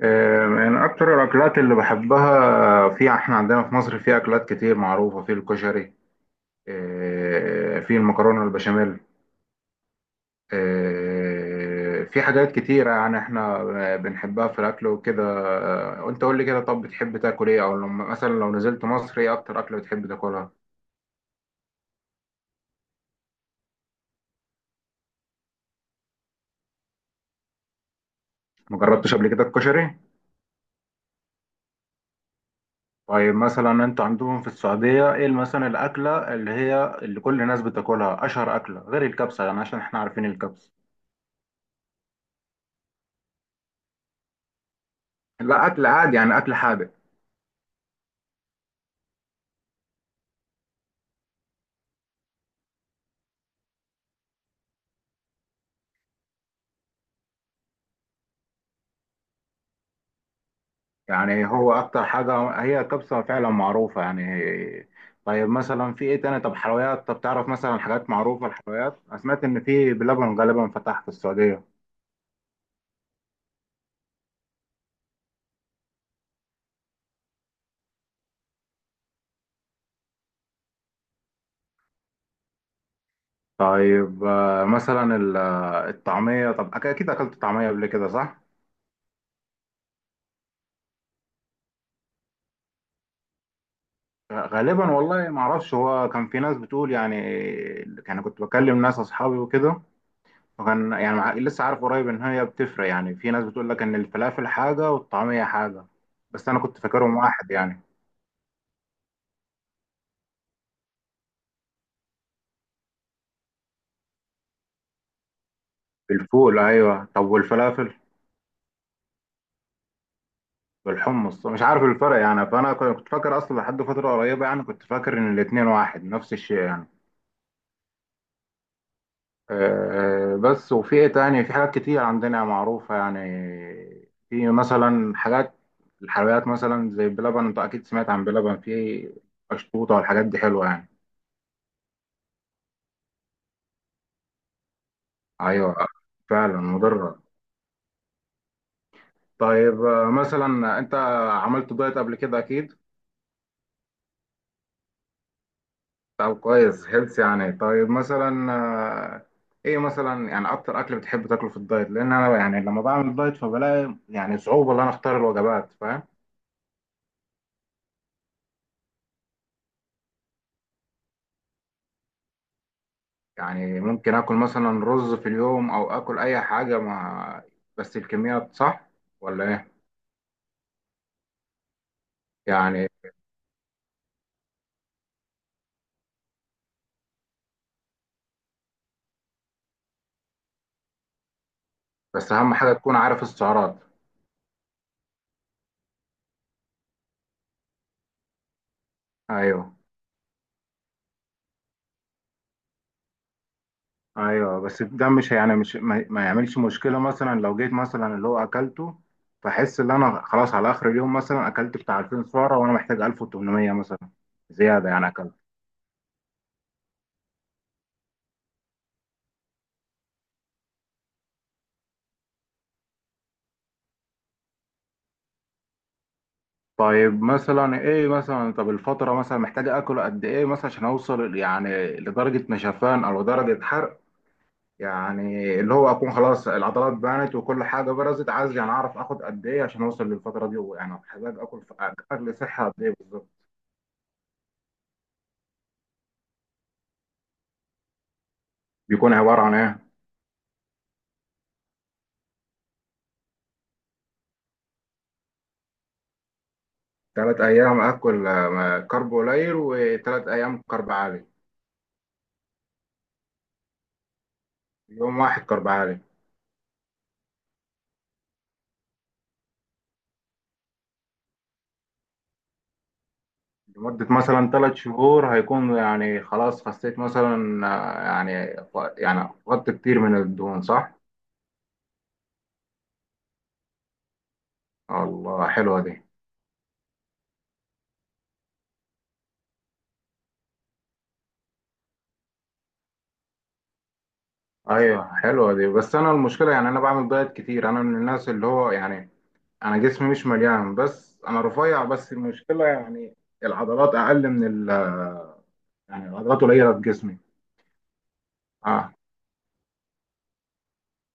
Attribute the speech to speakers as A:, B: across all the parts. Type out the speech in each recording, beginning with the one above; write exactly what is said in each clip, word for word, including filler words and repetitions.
A: آه، من أكتر الأكلات اللي بحبها، في إحنا عندنا في مصر في أكلات كتير معروفة في الكشري. آه، في المكرونة البشاميل. آه، في حاجات كتيرة، يعني إحنا آه، بنحبها في الأكل وكده. آه، وأنت قول لي كده، طب بتحب تاكل إيه؟ أو لما مثلا لو نزلت مصر إيه أكتر أكلة بتحب تاكلها؟ مجربتش قبل كده الكشري؟ طيب مثلا أنت عندهم في السعودية إيه مثلا الأكلة اللي هي اللي كل الناس بتاكلها، أشهر أكلة غير الكبسة، يعني عشان إحنا عارفين الكبسة. لا، أكل عادي يعني، أكل حادق. يعني هو اكتر حاجه هي الكبسه فعلا، معروفه يعني. طيب مثلا في ايه تاني؟ طب حلويات، طب تعرف مثلا حاجات معروفه الحلويات، انا سمعت ان في بلبن غالبا فتح في السعوديه. طيب آه، مثلا ال- آه، الطعميه، طب أك- اكيد اكلت طعميه قبل كده صح؟ غالبا والله ما اعرفش، هو كان في ناس بتقول يعني، كان كنت بكلم ناس اصحابي وكده، وكان يعني مع- لسه عارف قريب ان هي بتفرق. يعني في ناس بتقول لك ان الفلافل حاجه والطعميه حاجه، بس انا كنت فاكرهم واحد يعني. بالفول، ايوه، طب والفلافل؟ بالحمص، مش عارف الفرق يعني، فانا كنت فاكر اصلا لحد فتره قريبه، يعني كنت فاكر ان الاتنين واحد نفس الشيء يعني. أه آه، بس وفي ايه تاني؟ في حاجات كتير عندنا معروفه يعني، في مثلا حاجات الحلويات مثلا زي بلبن، انت اكيد سمعت عن بلبن. في قشطوطه والحاجات دي حلوه يعني. ايوه فعلا مضره. طيب آه، مثلا انت عملت دايت قبل كده اكيد. طب كويس، هيلث يعني. طيب مثلا آه، ايه مثلا يعني اكتر اكل بتحب تاكله في الدايت؟ لان انا يعني لما بعمل دايت فبلاقي يعني صعوبه ان انا اختار الوجبات، فاهم؟ يعني ممكن اكل مثلا رز في اليوم او اكل اي حاجه، مع بس الكميات صح؟ ولا ايه يعني؟ بس اهم حاجه تكون عارف السعرات. ايوه ايوه، بس ده مش يعني مش ما, ما يعملش مشكله. مثلا لو جيت مثلا اللي هو اكلته، فاحس ان انا خلاص على اخر اليوم مثلا اكلت بتاع ألفين سعره وانا محتاج ألف وثمانمائة مثلا، زياده يعني اكلت. طيب مثلا ايه مثلا، طب الفتره مثلا محتاج اكل قد ايه مثلا عشان اوصل يعني لدرجه نشفان او درجه حرق؟ يعني اللي هو اكون خلاص العضلات بانت وكل حاجه برزت. عايز يعني اعرف اخد قد ايه عشان اوصل للفتره دي. يعني محتاج اكل في اكل صحي قد ايه بالظبط؟ بيكون عباره عن ايه؟ تلات أيام أكل آه، كرب قليل وتلات أيام كرب عالي؟ يوم واحد كرب عالي. لمدة مثلا تلات شهور هيكون يعني خلاص خسيت مثلا آه، يعني، يعني فقدت كتير من الدهون صح؟ الله حلوة دي. أيوة حلوة دي. بس أنا المشكلة يعني أنا بعمل دايت كتير. أنا من الناس اللي هو يعني أنا جسمي مش مليان، بس أنا رفيع. بس المشكلة يعني العضلات أقل من ال، يعني العضلات قليلة في جسمي. أه.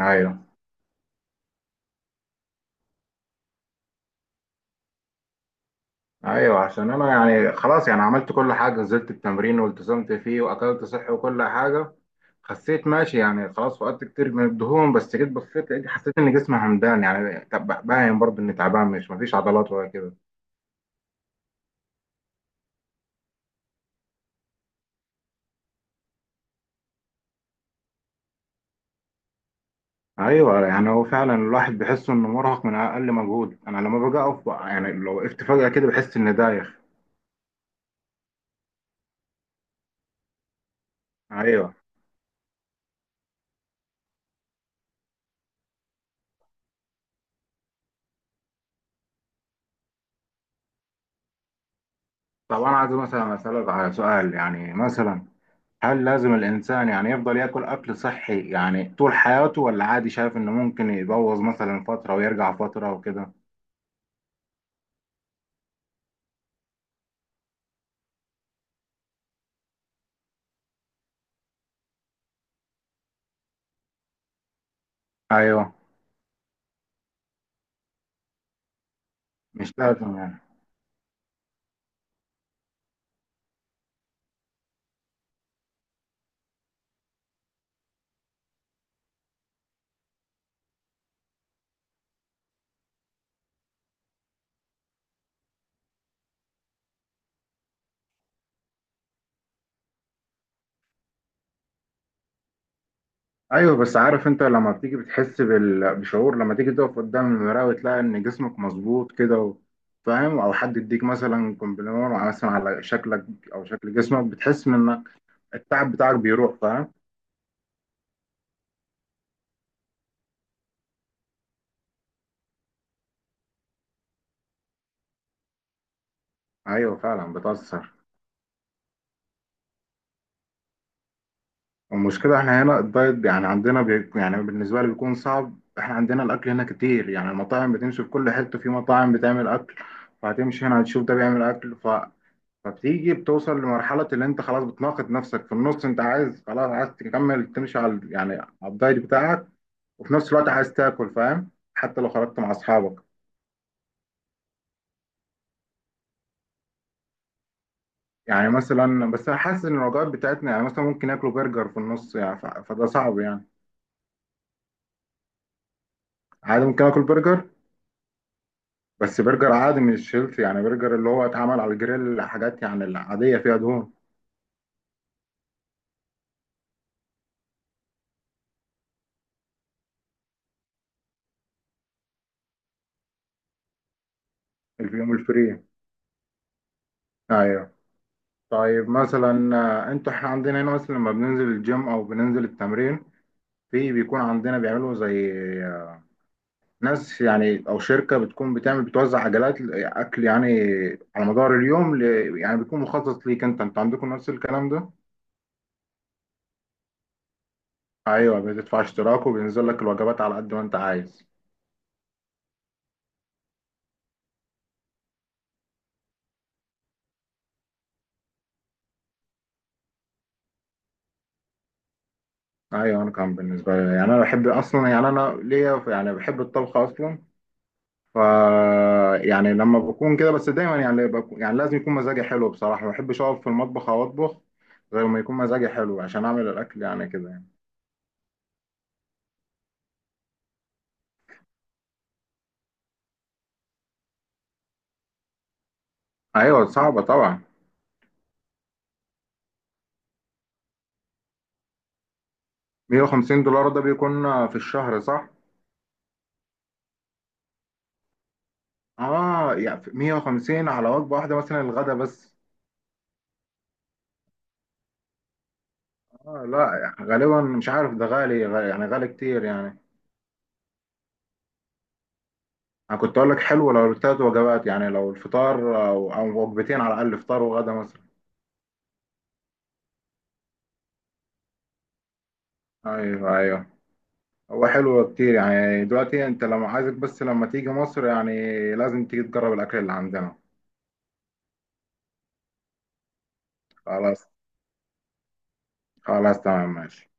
A: أيوة. ايوه، عشان انا يعني خلاص يعني عملت كل حاجه، نزلت التمرين والتزمت فيه واكلت صحي وكل حاجه، خسيت ماشي يعني، خلاص فقدت كتير من الدهون. بس جيت بصيت لقيت، حسيت ان جسمي همدان يعني، طب باين برضه اني تعبان، مش مفيش عضلات ولا كده. ايوه، يعني هو فعلا الواحد بيحس انه مرهق من اقل مجهود. انا لما باجي اقف يعني لو وقفت فجاه كده بحس اني دايخ. ايوه، طب انا عايز مثلا اسالك على سؤال يعني، مثلا هل لازم الإنسان يعني يفضل ياكل أكل صحي يعني طول حياته، ولا عادي شايف إنه ممكن يبوظ مثلا فترة ويرجع فترة وكده؟ أيوه، مش لازم يعني. أيوه، بس عارف أنت لما بتيجي بتحس بال- بشعور لما تيجي تقف قدام المراية وتلاقي إن جسمك مظبوط كده و، فاهم؟ أو حد يديك مثلا كومبلمون مثلا على شكلك أو شكل جسمك، بتحس إنك التعب بتاعك بيروح، فاهم؟ أيوه فعلا بتأثر. المشكلة احنا هنا الدايت يعني عندنا بي... يعني بالنسبة لي بيكون صعب. احنا عندنا الأكل هنا كتير يعني، المطاعم بتمشي في كل حتة، في مطاعم بتعمل أكل، فهتمشي هنا هتشوف ده بيعمل أكل ف... فبتيجي بتوصل لمرحلة اللي أنت خلاص بتناقض نفسك في النص. أنت عايز خلاص، عايز تكمل تمشي على يعني على الدايت بتاعك، وفي نفس الوقت عايز تاكل، فاهم؟ حتى لو خرجت مع أصحابك، يعني مثلا، بس أنا حاسس إن الوجبات بتاعتنا يعني مثلا ممكن ياكلوا برجر في النص يعني، ف... فده صعب يعني. عادي ممكن آكل برجر، بس برجر عادي مش هيلثي يعني، برجر اللي هو اتعمل على الجريل حاجات يعني العادية فيها دهون. اليوم الفري، ايوه. طيب مثلا آه، انتوا احنا عندنا هنا مثلا لما بننزل الجيم او بننزل التمرين، في بيكون عندنا بيعملوا زي آه، ناس يعني او شركة بتكون بتعمل بتوزع عجلات اكل يعني على مدار اليوم ل... يعني بيكون مخصص ليك انت انت عندكم نفس الكلام ده؟ ايوه بتدفع اشتراك وبينزل لك الوجبات على قد ما انت عايز. ايوه، انا كان بالنسبه لي يعني انا بحب اصلا يعني انا ليا يعني بحب الطبخ اصلا. ف يعني لما بكون كده بس دايما يعني بكون يعني لازم يكون مزاجي حلو، بصراحه ما بحبش اقف في المطبخ او اطبخ غير ما يكون مزاجي حلو عشان اعمل الاكل يعني كده يعني. ايوه صعبه طبعا. مية وخمسين دولار ده بيكون في الشهر صح؟ اه يعني مية وخمسين على وجبه واحده مثلا، الغدا بس؟ اه لا غالبا، مش عارف، ده غالي غ- يعني غالي كتير يعني. انا كنت اقول لك حلو لو التلات وجبات، يعني لو الفطار او او وجبتين على الاقل، فطار وغدا مثلا. ايوه ايوه. هو حلو كتير يعني. دلوقتي انت لما عايزك، بس لما تيجي مصر يعني لازم تيجي تجرب الاكل اللي عندنا. خلاص، خلاص تمام ماشي.